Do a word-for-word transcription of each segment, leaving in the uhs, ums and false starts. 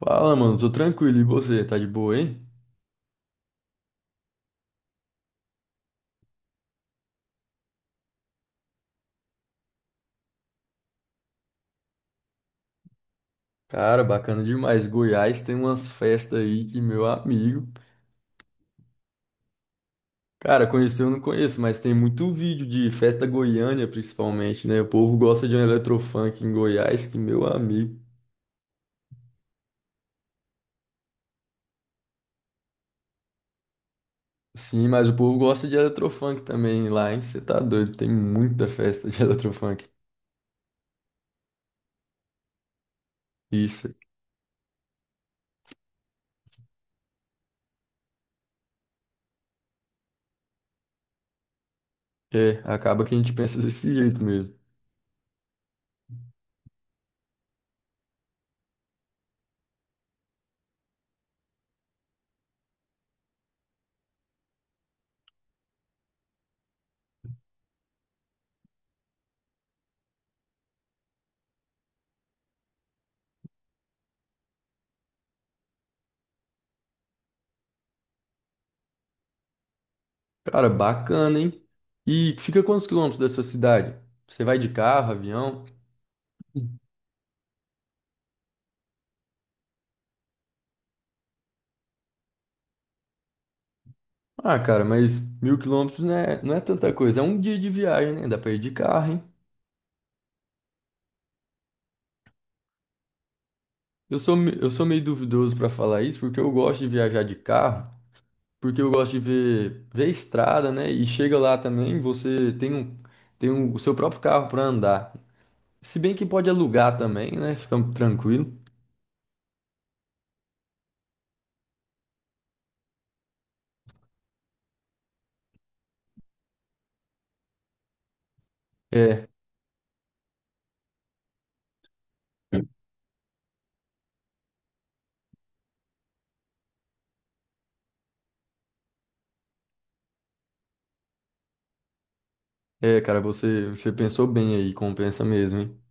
Fala, mano, tô tranquilo. E você, tá de boa, hein? Cara, bacana demais. Goiás tem umas festas aí que meu amigo. Cara, conhecer eu não conheço, mas tem muito vídeo de festa Goiânia, principalmente, né? O povo gosta de um eletrofunk em Goiás, que meu amigo. Sim, mas o povo gosta de eletrofunk também lá, hein? Você tá doido, tem muita festa de eletrofunk. Isso, é, acaba que a gente pensa desse jeito mesmo. Cara, bacana, hein? E fica quantos quilômetros da sua cidade? Você vai de carro, avião? Ah, cara, mas mil quilômetros não é, não é tanta coisa. É um dia de viagem, né? Dá pra ir de carro, hein? Eu sou, me- eu sou meio duvidoso pra falar isso, porque eu gosto de viajar de carro, porque eu gosto de ver, ver a estrada, né? E chega lá também, você tem um, tem um- o seu próprio carro pra andar. Se bem que pode alugar também, né? Fica tranquilo. É, é, cara, você, você pensou bem aí, compensa mesmo, hein?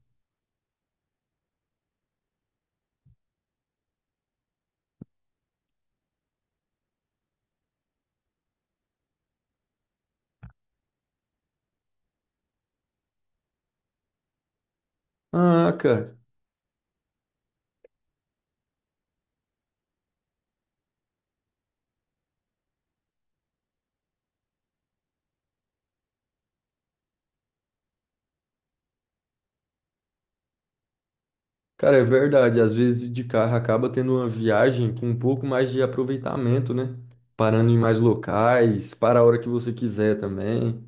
Ah, cara. Cara, é verdade. Às vezes de carro acaba tendo uma viagem com um pouco mais de aproveitamento, né? Parando em mais locais, para a hora que você quiser também.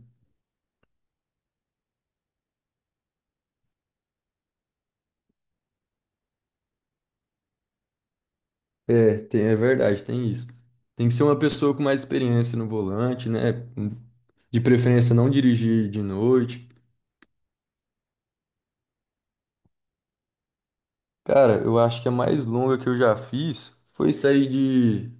É, tem, é verdade, tem isso. Tem que ser uma pessoa com mais experiência no volante, né? De preferência, não dirigir de noite. Cara, eu acho que a mais longa que eu já fiz foi sair de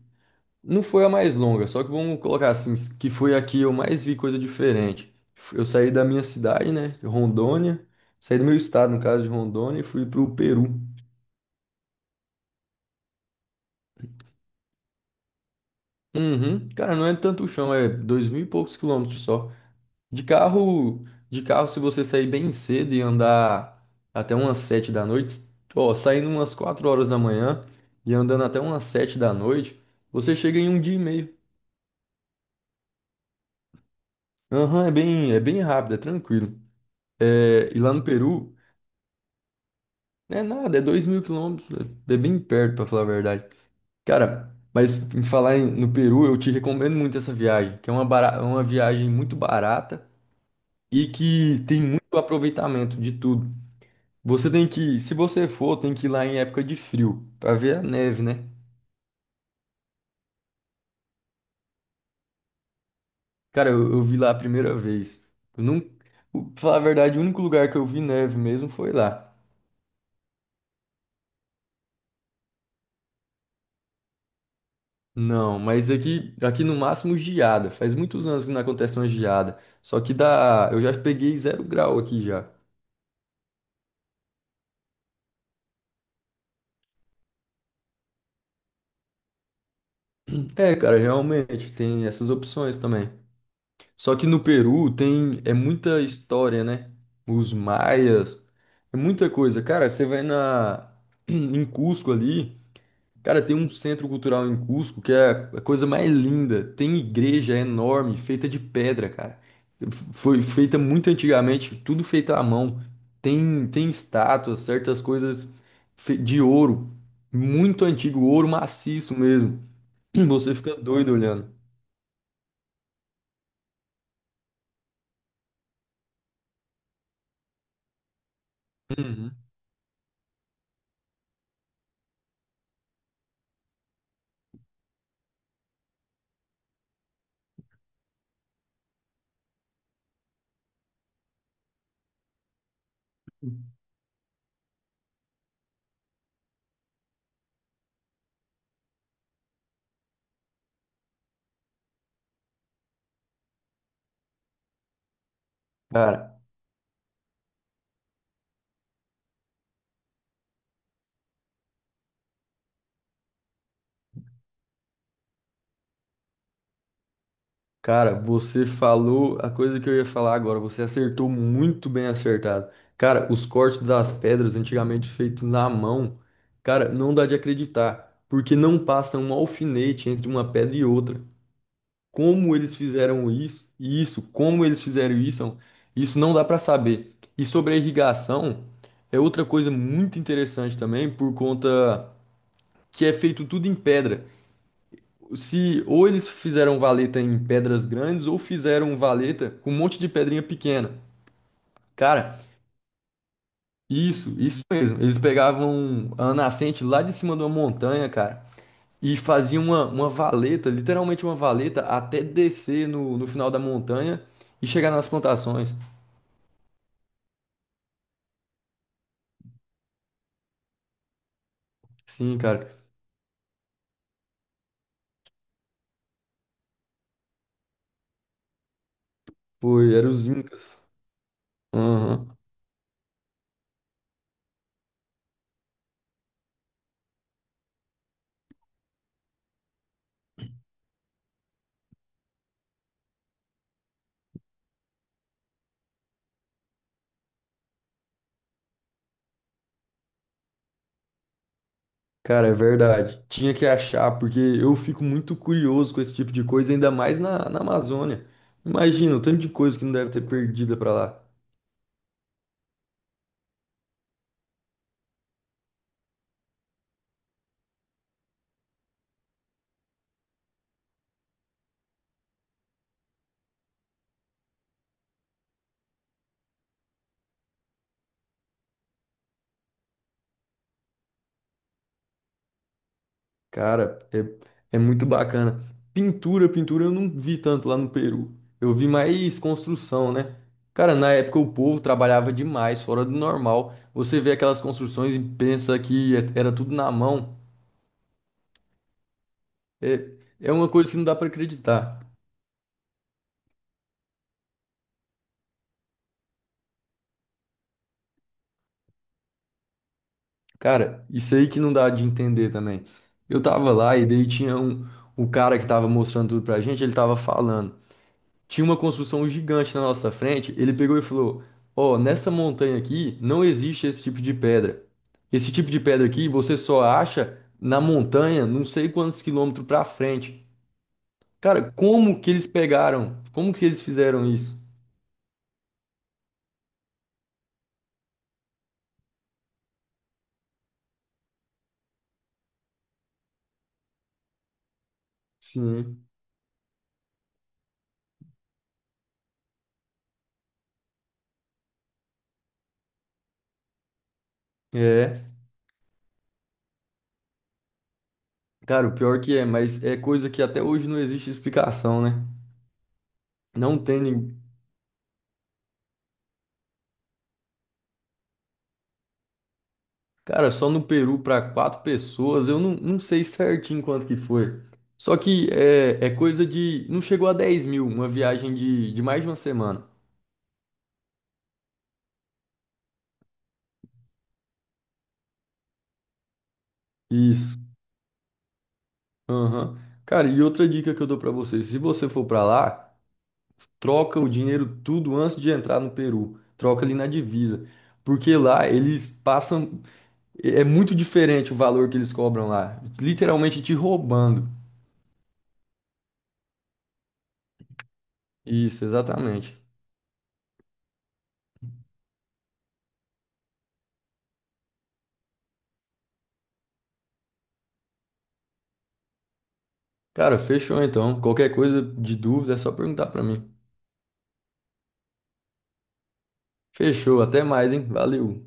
não foi a mais longa, só que vamos colocar assim, que foi a que eu mais vi coisa diferente. Eu saí da minha cidade, né, de Rondônia, saí do meu estado, no caso de Rondônia, e fui pro Peru. Uhum. Cara, não é tanto o chão, é dois mil e poucos quilômetros só. De carro, de carro, se você sair bem cedo e andar até umas sete da noite, ó, saindo umas quatro horas da manhã e andando até umas sete da noite, você chega em um dia e meio. Aham, é bem, é bem rápido, é tranquilo. É, e lá no Peru É nada, é dois mil quilômetros, é é bem perto, pra falar a verdade. Cara, mas em falar em- no Peru, eu te recomendo muito essa viagem, que é uma, bara- uma viagem muito barata e que tem muito aproveitamento de tudo. Você tem que, se você for, tem que ir lá em época de frio, pra ver a neve, né? Cara, eu, eu vi lá a primeira vez. Eu não, o- Pra falar a verdade, o único lugar que eu vi neve mesmo foi lá. Não, mas aqui, aqui no máximo geada. Faz muitos anos que não acontece uma geada. Só que dá, eu já peguei zero grau aqui já. É, cara, realmente tem essas opções também. Só que no Peru tem é muita história, né? Os maias, é muita coisa. Cara, você vai na em Cusco ali. Cara, tem um centro cultural em Cusco que é a coisa mais linda. Tem igreja enorme, feita de pedra, cara. Foi feita muito antigamente, tudo feito à mão. Tem, tem estátuas, certas coisas fe- de ouro, muito antigo, ouro maciço mesmo. Você fica doido olhando. Uhum. Cara, Cara, você falou a coisa que eu ia falar agora. Você acertou muito bem acertado. Cara, os cortes das pedras antigamente feitos na mão, cara, não dá de acreditar, porque não passa um alfinete entre uma pedra e outra. Como eles fizeram isso? Isso, como eles fizeram isso? Isso não dá pra saber. E sobre a irrigação, é outra coisa muito interessante também, por conta que é feito tudo em pedra. Se ou eles fizeram valeta em pedras grandes ou fizeram valeta com um monte de pedrinha pequena. Cara, isso, isso mesmo. Eles pegavam a nascente lá de cima de uma montanha, cara, e faziam uma, uma valeta, literalmente uma valeta, até descer no, no final da montanha e chegar nas plantações. Sim, cara. Foi, eram os Incas. Aham. Cara, é verdade. Tinha que achar, porque eu fico muito curioso com esse tipo de coisa, ainda mais na, na Amazônia. Imagina o tanto de coisa que não deve ter perdida pra lá. Cara, é, é muito bacana. Pintura, pintura eu não vi tanto lá no Peru. Eu vi mais construção, né? Cara, na época o povo trabalhava demais, fora do normal. Você vê aquelas construções e pensa que é- era tudo na mão. É, é uma coisa que não dá pra acreditar. Cara, isso aí que não dá de entender também. Eu tava lá e daí tinha um, o cara que tava mostrando tudo pra gente, ele tava falando. Tinha uma construção gigante na nossa frente, ele pegou e falou: Ó, nessa montanha aqui não existe esse tipo de pedra. Esse tipo de pedra aqui você só acha na montanha, não sei quantos quilômetros pra frente. Cara, como que eles pegaram? Como que eles fizeram isso? Sim. É. Cara, o pior que é, mas é coisa que até hoje não existe explicação, né? Não tem, nin- Cara, só no Peru para quatro pessoas, eu não, não sei certinho quanto que foi. Só que é, é coisa de. Não chegou a dez mil, uma viagem de, de mais de uma semana. Isso. Aham. Cara, e outra dica que eu dou para você: se você for para lá, troca o dinheiro tudo antes de entrar no Peru. Troca ali na divisa. Porque lá eles passam. É é muito diferente o valor que eles cobram lá. Literalmente te roubando. Isso, exatamente. Cara, fechou então. Qualquer coisa de dúvida é só perguntar para mim. Fechou, até mais, hein? Valeu.